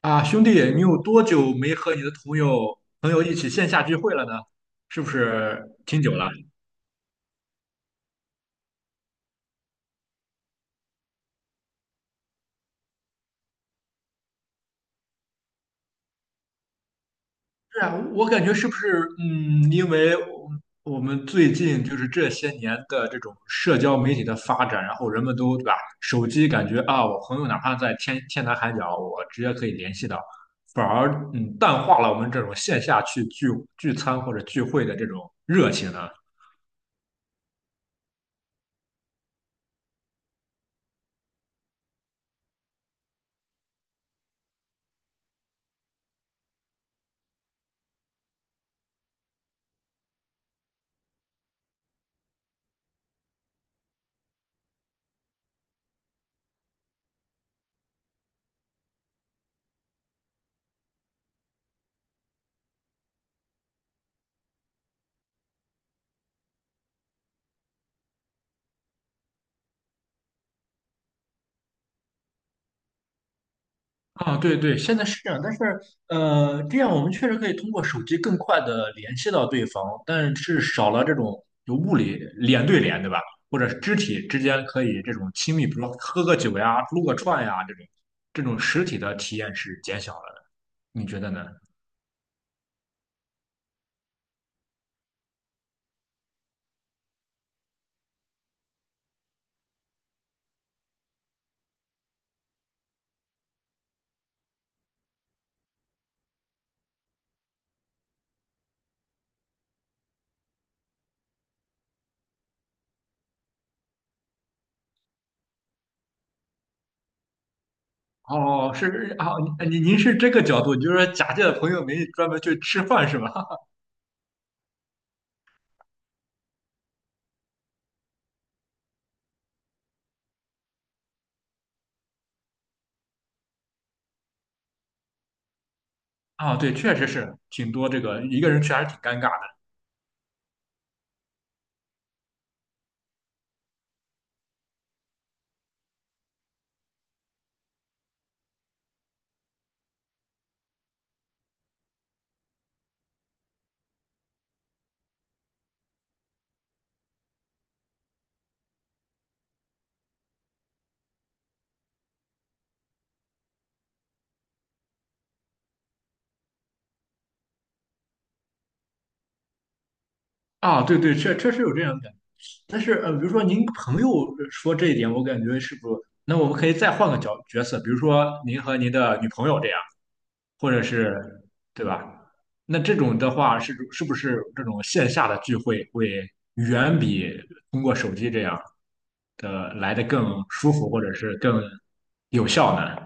啊，兄弟，你有多久没和你的朋友一起线下聚会了呢？是不是挺久了？是啊，我感觉是不是因为我们最近就是这些年的这种社交媒体的发展，然后人们都对吧，手机感觉啊，我朋友哪怕在天天南海角，我直接可以联系到，反而淡化了我们这种线下去聚餐或者聚会的这种热情呢？啊，对对，现在是这样，但是这样我们确实可以通过手机更快的联系到对方，但是少了这种有物理脸对脸，对吧？或者是肢体之间可以这种亲密，比如说喝个酒呀、撸个串呀这种，这种实体的体验是减小了的，你觉得呢？哦，是啊，您是这个角度，就是说假借朋友名义专门去吃饭是吧？啊，对，确实是挺多这个一个人去还是挺尴尬的。啊，对对，确确实有这样的。但是呃，比如说您朋友说这一点，我感觉是不，那我们可以再换个角色，比如说您和您的女朋友这样，或者是对吧？那这种的话是不是这种线下的聚会会远比通过手机这样的来的更舒服，或者是更有效呢？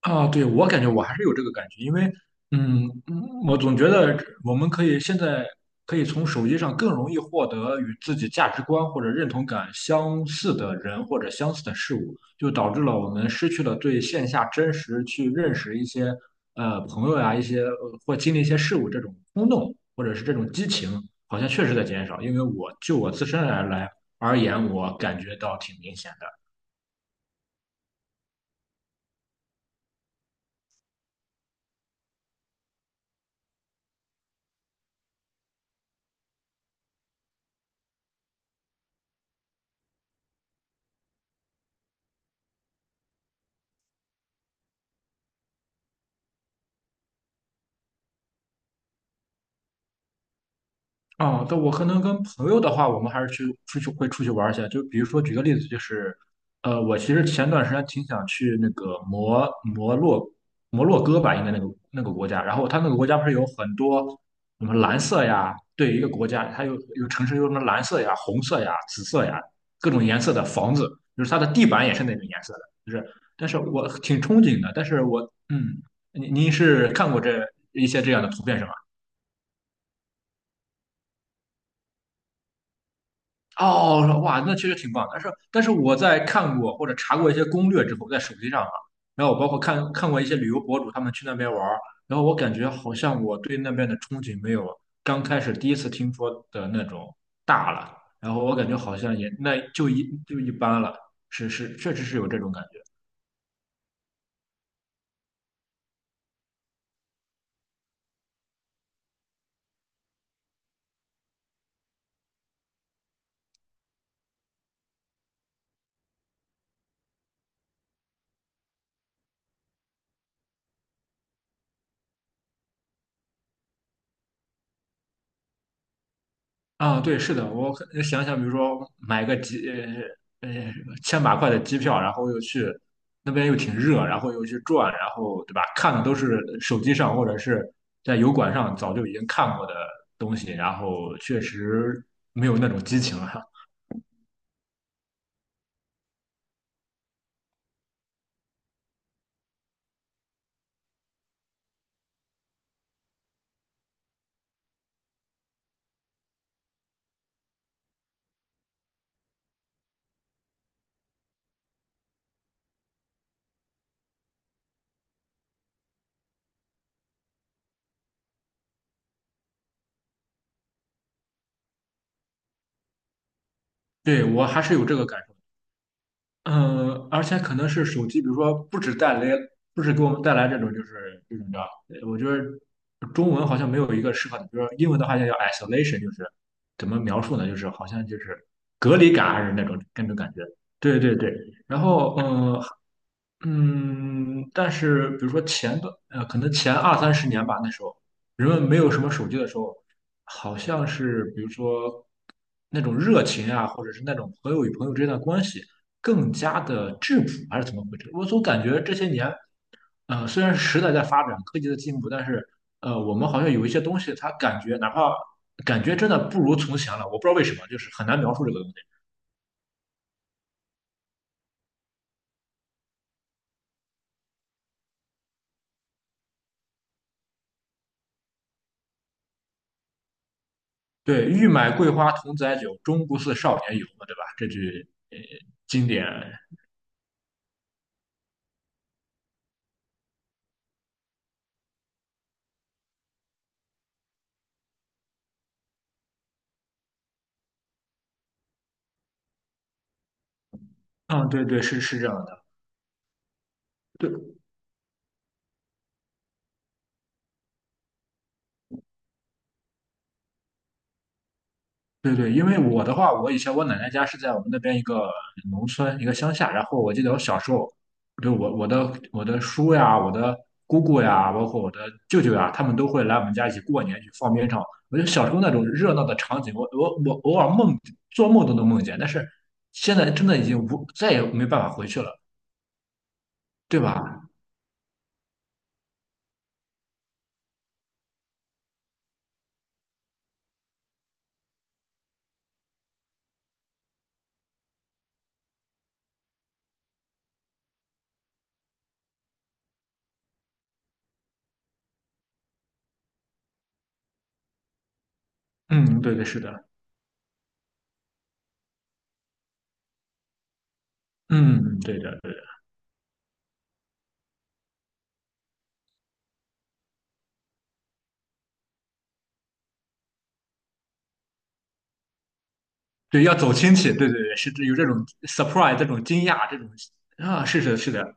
啊，对，我感觉我还是有这个感觉，因为，嗯,我总觉得我们可以现在可以从手机上更容易获得与自己价值观或者认同感相似的人或者相似的事物，就导致了我们失去了对线下真实去认识一些朋友呀、一些或经历一些事物这种冲动或者是这种激情，好像确实在减少。因为我就我自身而来而言，我感觉到挺明显的。哦，但我可能跟朋友的话，我们还是去出去会出去玩儿一下。就比如说，举个例子，就是，我其实前段时间挺想去那个摩洛哥吧，应该那个那个国家。然后它那个国家不是有很多什么蓝色呀，对，一个国家它有城市有什么蓝色呀、红色呀、紫色呀各种颜色的房子，就是它的地板也是那种颜色的，就是。但是我挺憧憬的，但是我嗯，您您是看过这一些这样的图片是吗？哦，哇，那确实挺棒。但是，但是我在看过或者查过一些攻略之后，在手机上啊，然后我包括看过一些旅游博主他们去那边玩儿，然后我感觉好像我对那边的憧憬没有刚开始第一次听说的那种大了。然后我感觉好像也那就一就一般了，是是，确实是有这种感觉。啊，对，是的，我可想想，比如说买个机，呃千把块的机票，然后又去那边又挺热，然后又去转，然后对吧？看的都是手机上或者是在油管上早就已经看过的东西，然后确实没有那种激情了。对，我还是有这个感受。嗯，而且可能是手机，比如说不止带来，不止给我们带来这种就是这种叫，我觉得中文好像没有一个适合的，比如说英文的话叫 isolation，就是怎么描述呢？就是好像就是隔离感还是那种感觉。对对对。然后，嗯,但是比如说前段，可能前20-30年吧，那时候人们没有什么手机的时候，好像是比如说那种热情啊，或者是那种朋友与朋友之间的关系更加的质朴，还是怎么回事？我总感觉这些年，虽然时代在发展，科技的进步，但是我们好像有一些东西，它感觉哪怕感觉真的不如从前了，我不知道为什么，就是很难描述这个东西。对，欲买桂花同载酒，终不似少年游嘛，对吧？这句经典，嗯，对对，是是这样的，对对对，因为我的话，我以前我奶奶家是在我们那边一个农村一个乡下，然后我记得我小时候，对我的叔呀，我的姑姑呀，包括我的舅舅呀，他们都会来我们家一起过年去放鞭炮。我觉得小时候那种热闹的场景，我偶尔做梦都能梦见，但是现在真的已经无再也没办法回去了，对吧？嗯，对对，是的。嗯，嗯对的，对的，对，要走亲戚，对对对，是有这种 surprise，这种惊讶，这种啊，是的，是的，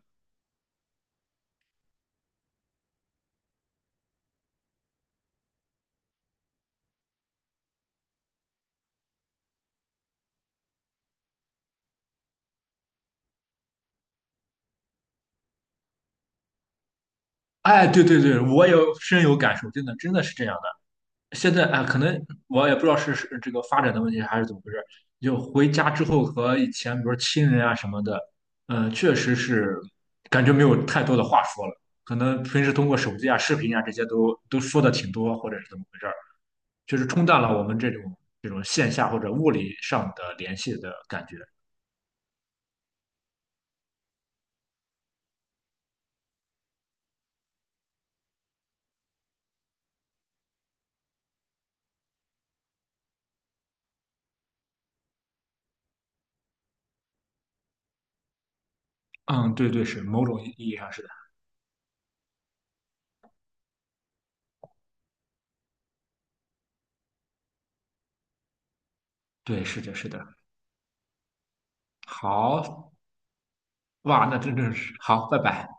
哎，对对对，我有深有感受，真的真的是这样的。现在啊，可能我也不知道是这个发展的问题还是怎么回事，就回家之后和以前，比如说亲人啊什么的，确实是感觉没有太多的话说了，可能平时通过手机啊、视频啊这些都说的挺多，或者是怎么回事儿，就是冲淡了我们这种这种线下或者物理上的联系的感觉。嗯，对对，是某种意义上是的，对，是的，是的。好，哇，那真正是好，拜拜。